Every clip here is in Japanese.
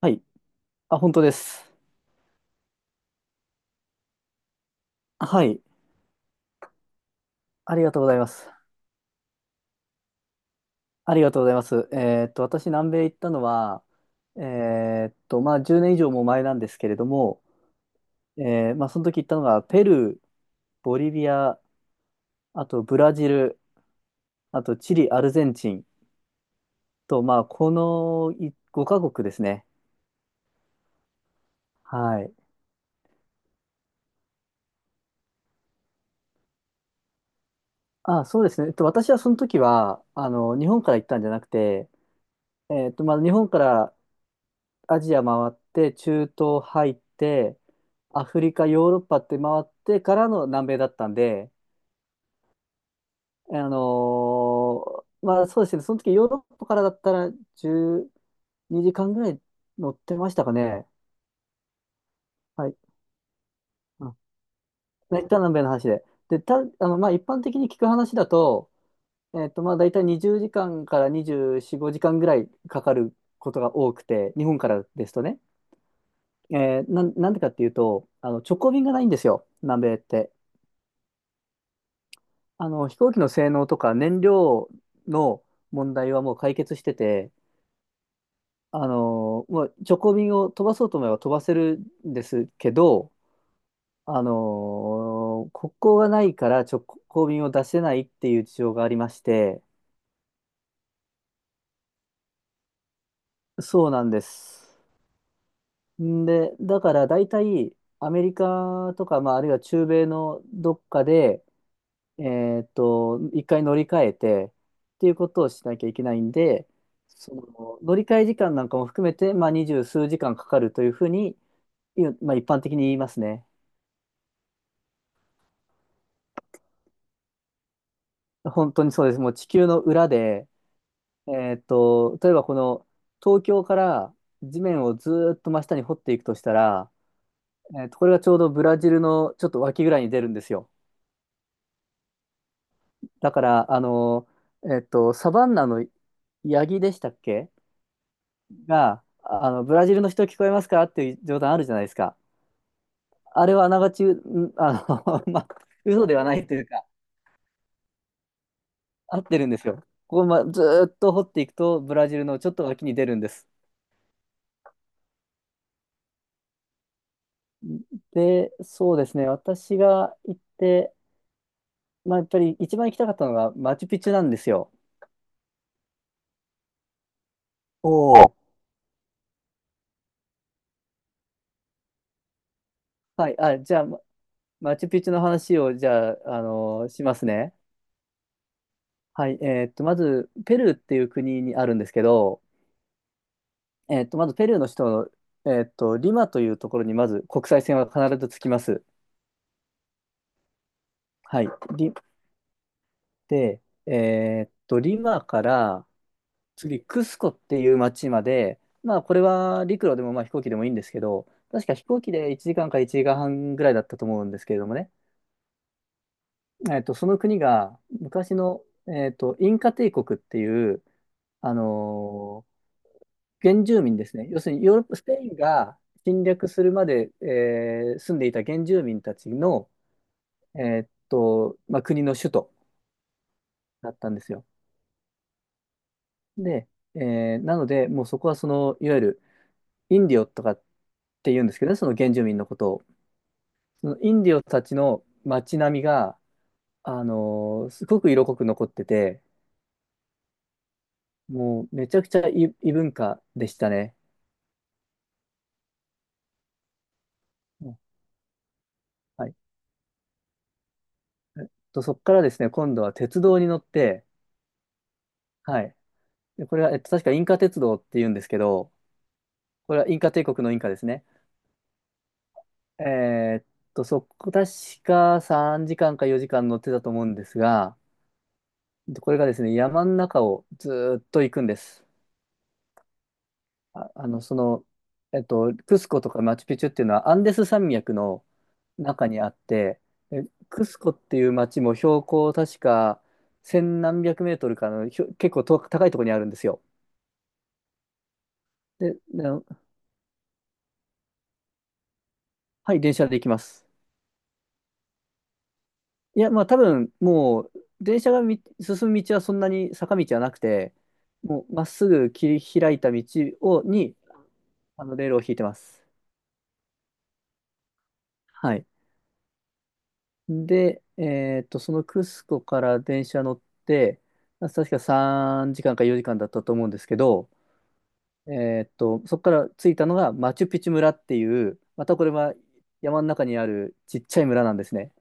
はい。あ、本当です。はい。ありがとうございます。ありがとうございます。私、南米行ったのは、えまあ、10年以上も前なんですけれども、まあ、その時行ったのが、ペルー、ボリビア、あとブラジル、あとチリ、アルゼンチンと、まあ、この5カ国ですね。はい。あ、そうですね。えっと、私はその時は、あの、日本から行ったんじゃなくて、えっと、まあ、日本からアジア回って、中東入って、アフリカ、ヨーロッパって回ってからの南米だったんで、あのまあそうですね、その時ヨーロッパからだったら12時間ぐらい乗ってましたかね。はい。うん、大体南米の話で。で、あの、まあ一般的に聞く話だと、えっと、まあ大体20時間かんから24、5時間ぐらいかかることが多くて、日本からですとね。なんでかっていうと、あの、直行便がないんですよ、南米って。あの、飛行機の性能とか燃料の問題はもう解決してて、あの、もう直行便を飛ばそうと思えば飛ばせるんですけど、あの、国交がないから直行便を出せないっていう事情がありまして、そうなんです。んで、だから大体アメリカとか、まあ、あるいは中米のどっかで、一回乗り換えてっていうことをしなきゃいけないんで、その乗り換え時間なんかも含めて、まあ、二十数時間かかるというふうに、まあ、一般的に言いますね。本当にそうです。もう地球の裏で、例えばこの東京から地面をずーっと真下に掘っていくとしたら、これがちょうどブラジルのちょっと脇ぐらいに出るんですよ。だから、あの、サバンナのヤギでしたっけが、あの、ブラジルの人聞こえますかっていう冗談あるじゃないですか。あれはあながち、あの、まあ、嘘ではないというか、合ってるんですよ。ここ、ま、ずーっと掘っていくと、ブラジルのちょっと脇に出るんです。で、そうですね、私が行って、まあ、やっぱり一番行きたかったのがマチュピチュなんですよ。おお。はい、あ、じゃあ、マチュピチュの話を、じゃあ、あのしますね。はい、まず、ペルーっていう国にあるんですけど、えっと、まずペルーの首都の、えっと、リマというところにまず国際線は必ず着きます。はい。リで、えっと、リマから次、クスコっていう町まで、まあ、これは陸路でもまあ飛行機でもいいんですけど、確か飛行機で1時間か1時間半ぐらいだったと思うんですけれどもね、えっと、その国が昔の、えっと、インカ帝国っていう、あのー原住民ですね。要するにヨーロッパ、スペインが侵略するまで、住んでいた原住民たちの、まあ、国の首都だったんですよ。で、なので、もうそこはその、いわゆるインディオとかって言うんですけどね、その原住民のことを。そのインディオたちの街並みが、すごく色濃く残ってて、もうめちゃくちゃ異文化でしたね。うんはい。えっと、そこからですね、今度は鉄道に乗って、はい。でこれは、えっと、確かインカ鉄道って言うんですけど、これはインカ帝国のインカですね。えーっそこ、確か3時間か4時間乗ってたと思うんですが、でこれがですね、山の中をずーっと行くんです。あ、あの、その、クスコとかマチュピチュっていうのはアンデス山脈の中にあって、クスコっていう町も標高確か千何百メートルかの、結構と高いところにあるんですよ。ではい、電車で行きます。いや、まあ多分、もう、電車が進む道はそんなに坂道はなくて、もうまっすぐ切り開いた道に、あの、レールを引いてます。はい。で、えっと、そのクスコから電車乗って、確か3時間か4時間だったと思うんですけど、えっと、そこから着いたのがマチュピチュ村っていう、またこれは山の中にあるちっちゃい村なんですね。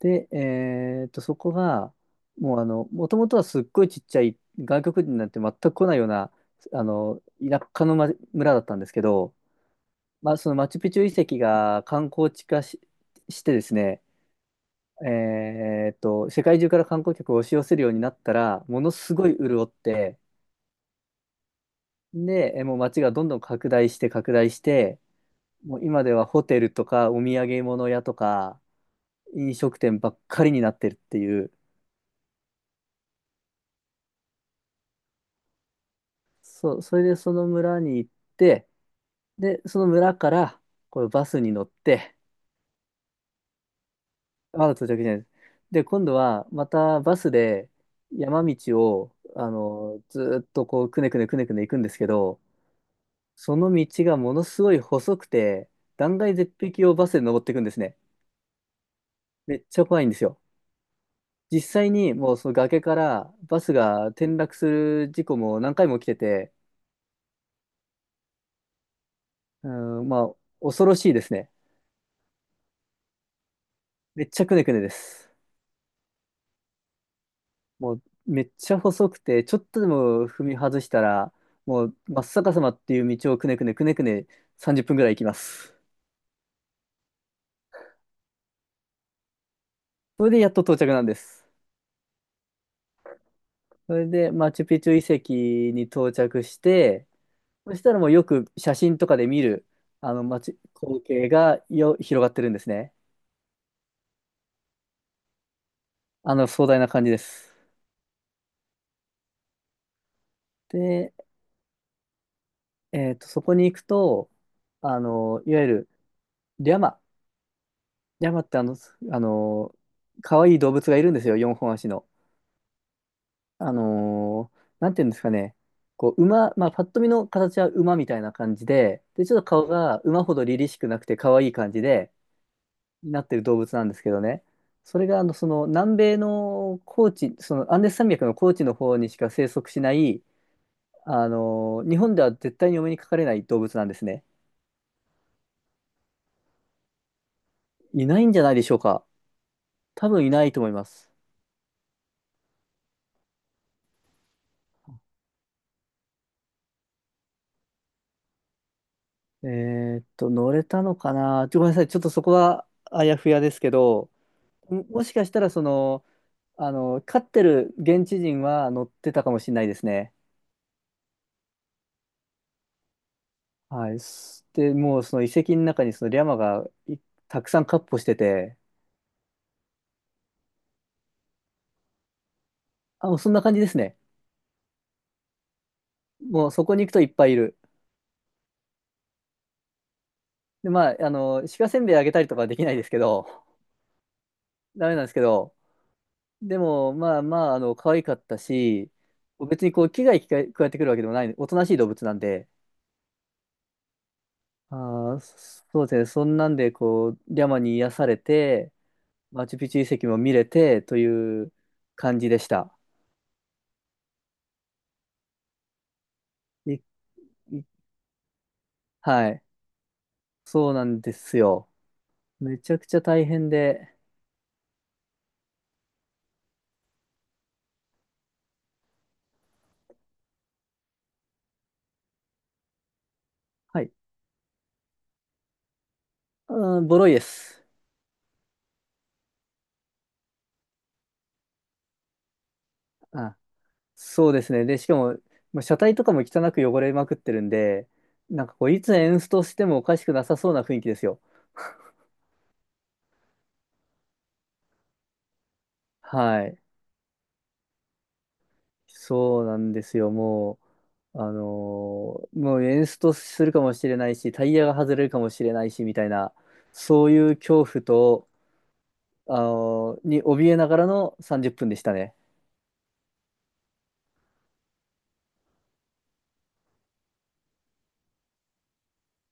で、そこが、もうあの、もともとはすっごいちっちゃい、外国人なんて全く来ないような、あの、田舎の、ま、村だったんですけど、まあ、そのマチュピチュ遺跡が観光地化し、してですね、世界中から観光客を押し寄せるようになったら、ものすごい潤って、で、もう街がどんどん拡大して拡大して、もう今ではホテルとかお土産物屋とか飲食店ばっかりになってるっていう、それでその村に行って、で、その村からこうバスに乗って、あ、到着じゃないです。で、今度はまたバスで山道を、あの、ずーっとこう、くねくねくねくね行くんですけど、その道がものすごい細くて、断崖絶壁をバスで登っていくんですね。めっちゃ怖いんですよ。実際にもうその崖からバスが転落する事故も何回も起きてて、うん、まあ、恐ろしいですね。めっちゃくねくねです。もうめっちゃ細くて、ちょっとでも踏み外したら、もう真っ逆さまっていう道をくねくねくねくね30分ぐらい行きます。それでやっと到着なんです。それでマチュピチュ遺跡に到着して、そしたらもうよく写真とかで見る、あの街、光景が広がってるんですね。あの壮大な感じです。で、えっと、そこに行くと、あの、いわゆるリャマ。リャマってあの、あの、可愛い動物がいるんですよ、4本足の。なんていうんですかね、こう、まあ、パッと見の形は馬みたいな感じで、で、ちょっと顔が馬ほど凛々しくなくて可愛い感じで、なってる動物なんですけどね、それが、あの、その、南米の高地、その、アンデス山脈の高地の方にしか生息しない、日本では絶対にお目にかかれない動物なんですね。いないんじゃないでしょうか。多分いないと思います。乗れたのかな。ごめんなさい、ちょっとそこはあやふやですけど、もしかしたら、その、あの、飼ってる現地人は乗ってたかもしれないですね。はい。もうその遺跡の中にそのリャマがたくさん闊歩してて、あ、もうそんな感じですね。もうそこに行くといっぱいいる。で、まあ、あの、鹿せんべいあげたりとかはできないですけど、ダメなんですけど、でも、まあまあ、あの、可愛かったし、別にこう、危害加えてくるわけでもない、おとなしい動物なんで、あー、そうですね。そんなんで、こう、リャマに癒されて、マチュピチュ遺跡も見れてという感じでした。いいはい。そうなんですよ。めちゃくちゃ大変で、はい。うん、ボロいです。あ、そうですね。で、しかも、まあ車体とかも汚く汚れまくってるんで、なんかこう、いつエンストしてもおかしくなさそうな雰囲気ですよ。はい。そうなんですよ。もう、もうエンストするかもしれないし、タイヤが外れるかもしれないし、みたいな、そういう恐怖と、あの、に怯えながらの30分でしたね。